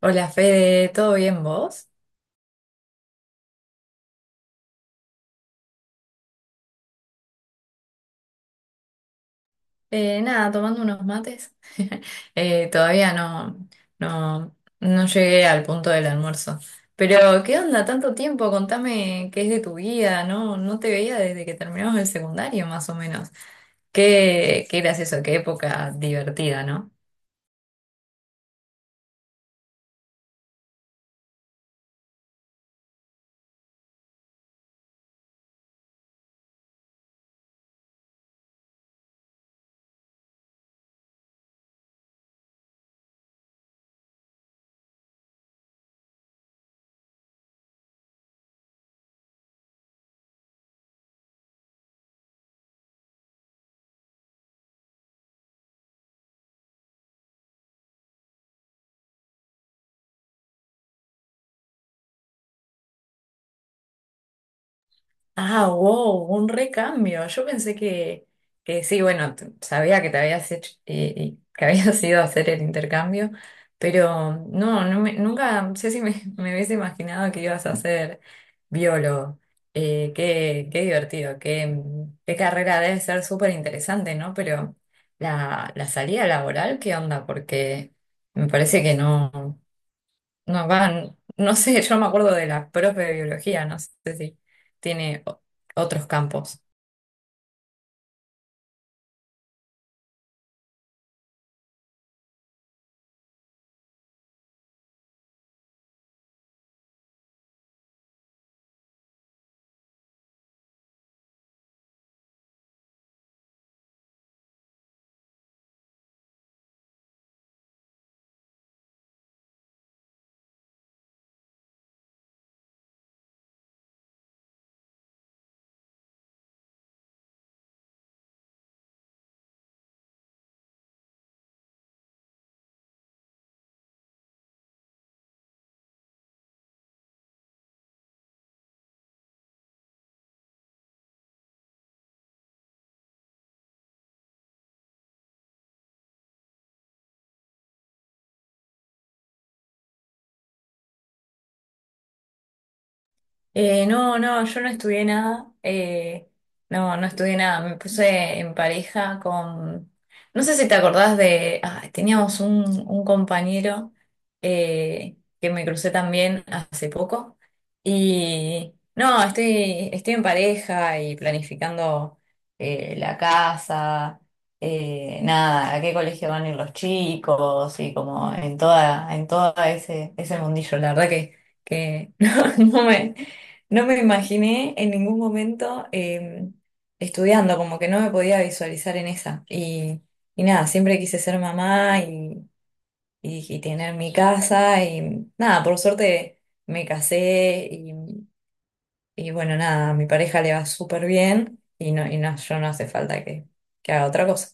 Hola Fede, ¿todo bien vos? Nada, tomando unos mates. Todavía no llegué al punto del almuerzo. Pero, ¿qué onda? Tanto tiempo, contame qué es de tu vida, ¿no? No te veía desde que terminamos el secundario, más o menos. Qué gracioso, qué época divertida, ¿no? Ah, wow, un recambio. Yo pensé que sí, Bueno, sabía que te habías hecho, que habías ido a hacer el intercambio, pero nunca, no sé si me, me hubiese imaginado que ibas a ser biólogo. Qué divertido, qué carrera debe ser súper interesante, ¿no? Pero la salida laboral, ¿qué onda? Porque me parece que no. No van, no sé, yo me acuerdo de la profe de biología, no sé si tiene otros campos. No, yo no estudié nada. No estudié nada. Me puse en pareja con. No sé si te acordás de. Ah, teníamos un compañero que me crucé también hace poco. Y no, estoy en pareja y planificando la casa. Nada, a qué colegio van a ir los chicos y como en en todo ese mundillo. La verdad que no, no me, no me imaginé en ningún momento estudiando, como que no me podía visualizar en esa. Y nada, siempre quise ser mamá y, y tener mi casa. Y nada, por suerte me casé y bueno, nada, a mi pareja le va súper bien y no, yo no hace falta que haga otra cosa.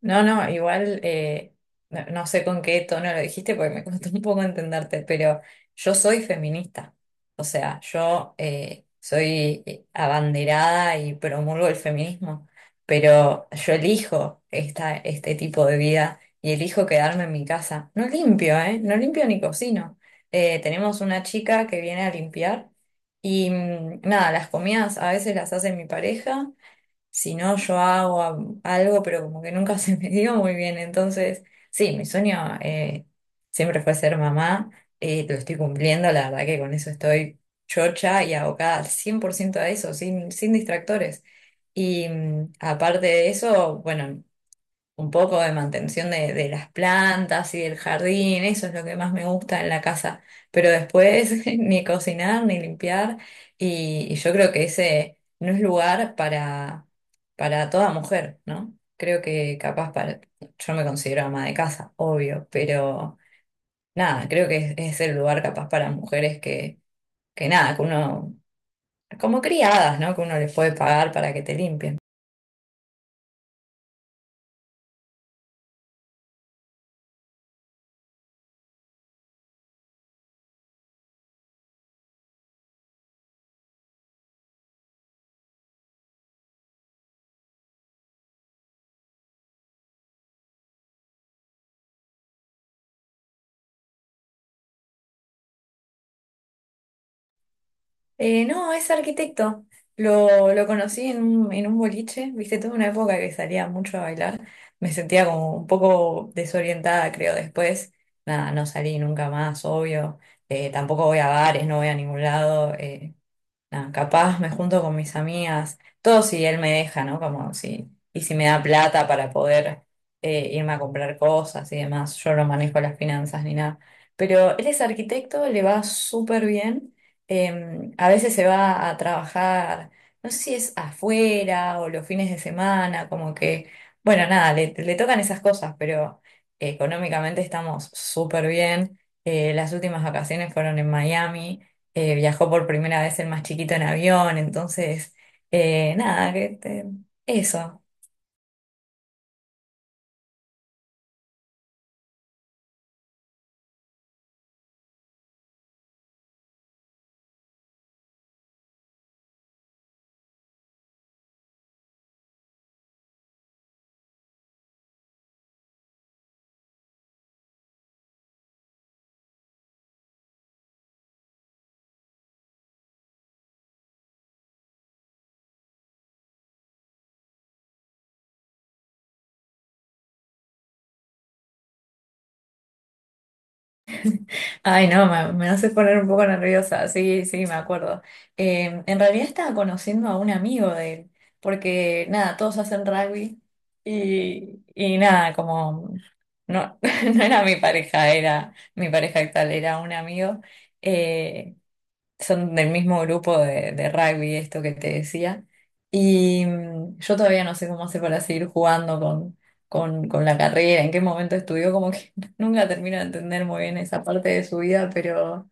No, no, igual no sé con qué tono lo dijiste porque me costó un poco entenderte, pero yo soy feminista. O sea, yo soy abanderada y promulgo el feminismo, pero yo elijo este tipo de vida y elijo quedarme en mi casa. No limpio, ¿eh? No limpio ni cocino. Tenemos una chica que viene a limpiar y mm, nada, las comidas a veces las hace mi pareja. Si no, yo hago algo, pero como que nunca se me dio muy bien. Entonces, sí, mi sueño siempre fue ser mamá. Eh, lo estoy cumpliendo, la verdad que con eso estoy chocha y abocada al 100% a eso, sin distractores. Y mm, aparte de eso, bueno, un poco de mantención de las plantas y del jardín, eso es lo que más me gusta en la casa, pero después ni cocinar ni limpiar y yo creo que ese no es lugar para toda mujer, ¿no? Creo que capaz para, yo me considero ama de casa, obvio, pero nada, creo que es el lugar capaz para mujeres que nada, que uno, como criadas, ¿no? Que uno les puede pagar para que te limpien. No, es arquitecto. Lo conocí en en un boliche, viste, tuve una época que salía mucho a bailar. Me sentía como un poco desorientada, creo, después. Nada, no salí nunca más, obvio. Tampoco voy a bares, no voy a ningún lado. Nada, capaz me junto con mis amigas, todo si él me deja, ¿no? Como si, y si me da plata para poder irme a comprar cosas y demás, yo no manejo las finanzas ni nada. Pero él es arquitecto, le va súper bien, a veces se va a trabajar, no sé si es afuera o los fines de semana, como que, bueno, nada, le tocan esas cosas, pero económicamente estamos súper bien. Las últimas vacaciones fueron en Miami, viajó por primera vez el más chiquito en avión, entonces, nada, que te- eso. Ay, no, me hace poner un poco nerviosa, sí, sí, me acuerdo. En realidad estaba conociendo a un amigo de él, porque nada, todos hacen rugby y nada, como no, no era mi pareja, era mi pareja actual, era un amigo. Eh, son del mismo grupo de rugby, esto que te decía. Y mm, yo todavía no sé cómo hace para seguir jugando con la carrera, en qué momento estudió, como que nunca termino de entender muy bien esa parte de su vida, pero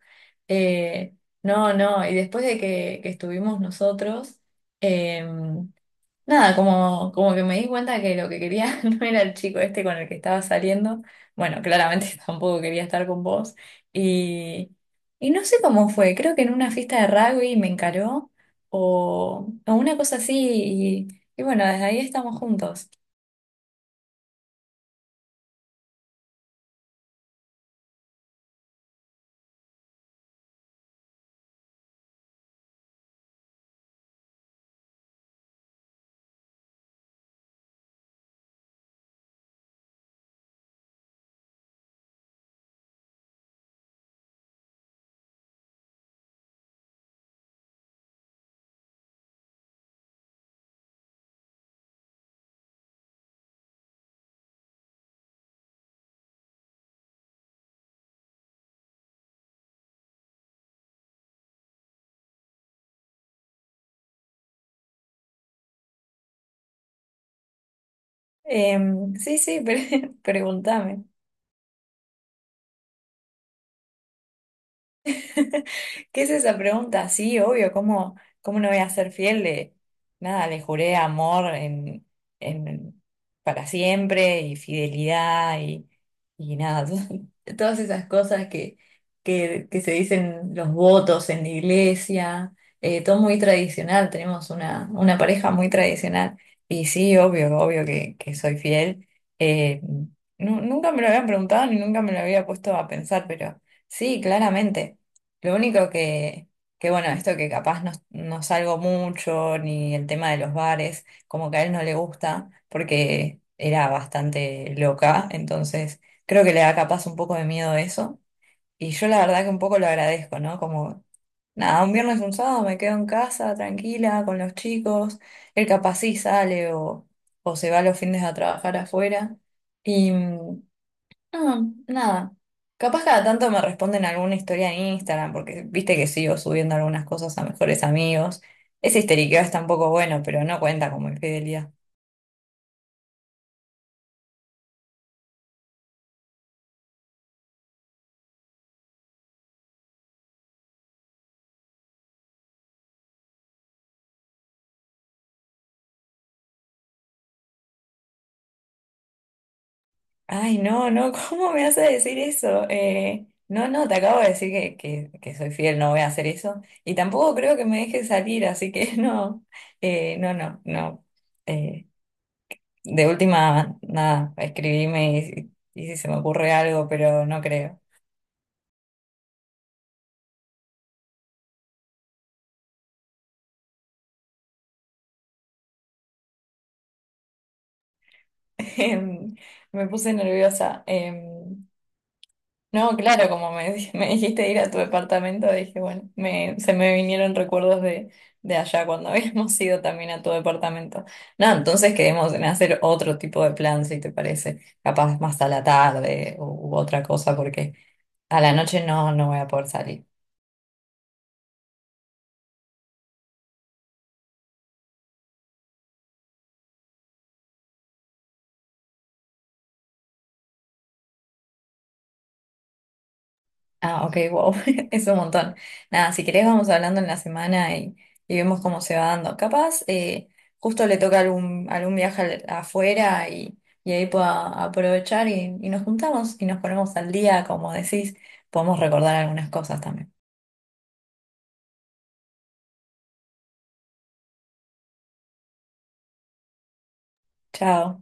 eh, no. Y después de que estuvimos nosotros, em, nada, como, como que me di cuenta que lo que quería no era el chico este con el que estaba saliendo. Bueno, claramente tampoco quería estar con vos. Y, y no sé cómo fue, creo que en una fiesta de rugby me encaró o una cosa así. Y bueno, desde ahí estamos juntos. Em, sí, sí, pregúntame. ¿Qué es esa pregunta? Sí, obvio, ¿cómo, cómo no voy a ser fiel de nada? Le juré amor en, en- para siempre y fidelidad y nada, todas esas cosas que se dicen los votos en la iglesia, todo muy tradicional, tenemos una pareja muy tradicional y sí, obvio, obvio que soy fiel. Eh, nunca me lo habían preguntado ni nunca me lo había puesto a pensar, pero sí, claramente. Lo único que bueno, esto que capaz no, no salgo mucho, ni el tema de los bares, como que a él no le gusta, porque era bastante loca, entonces creo que le da capaz un poco de miedo eso. Y yo la verdad que un poco lo agradezco, ¿no? Como, nada, un viernes, un sábado me quedo en casa, tranquila, con los chicos, él capaz sí sale o se va los fines a trabajar afuera. No, nada. Capaz cada tanto me responden alguna historia en Instagram, porque viste que sigo subiendo algunas cosas a mejores amigos. Ese histeriqueo está un poco bueno, pero no cuenta como infidelidad. Ay, no, no, ¿cómo me hace decir eso? No, no, te acabo de decir que soy fiel, no voy a hacer eso. Y tampoco creo que me deje salir, así que no, no, no, no. Eh, de última, nada, escribime y si se me ocurre algo, pero no creo. Em, me puse nerviosa. Em, no, claro, como me, me dijiste ir a tu departamento, dije, bueno, me, se me vinieron recuerdos de allá cuando habíamos ido también a tu departamento. No, entonces quedemos en hacer otro tipo de plan, si te parece, capaz más a la tarde u, u otra cosa, porque a la noche no, no voy a poder salir. Ah, ok, wow, es un montón. Nada, si querés vamos hablando en la semana y vemos cómo se va dando. Capaz, justo le toca algún, afuera y ahí pueda aprovechar y nos juntamos y nos ponemos al día, como decís, podemos recordar algunas cosas también. Chao.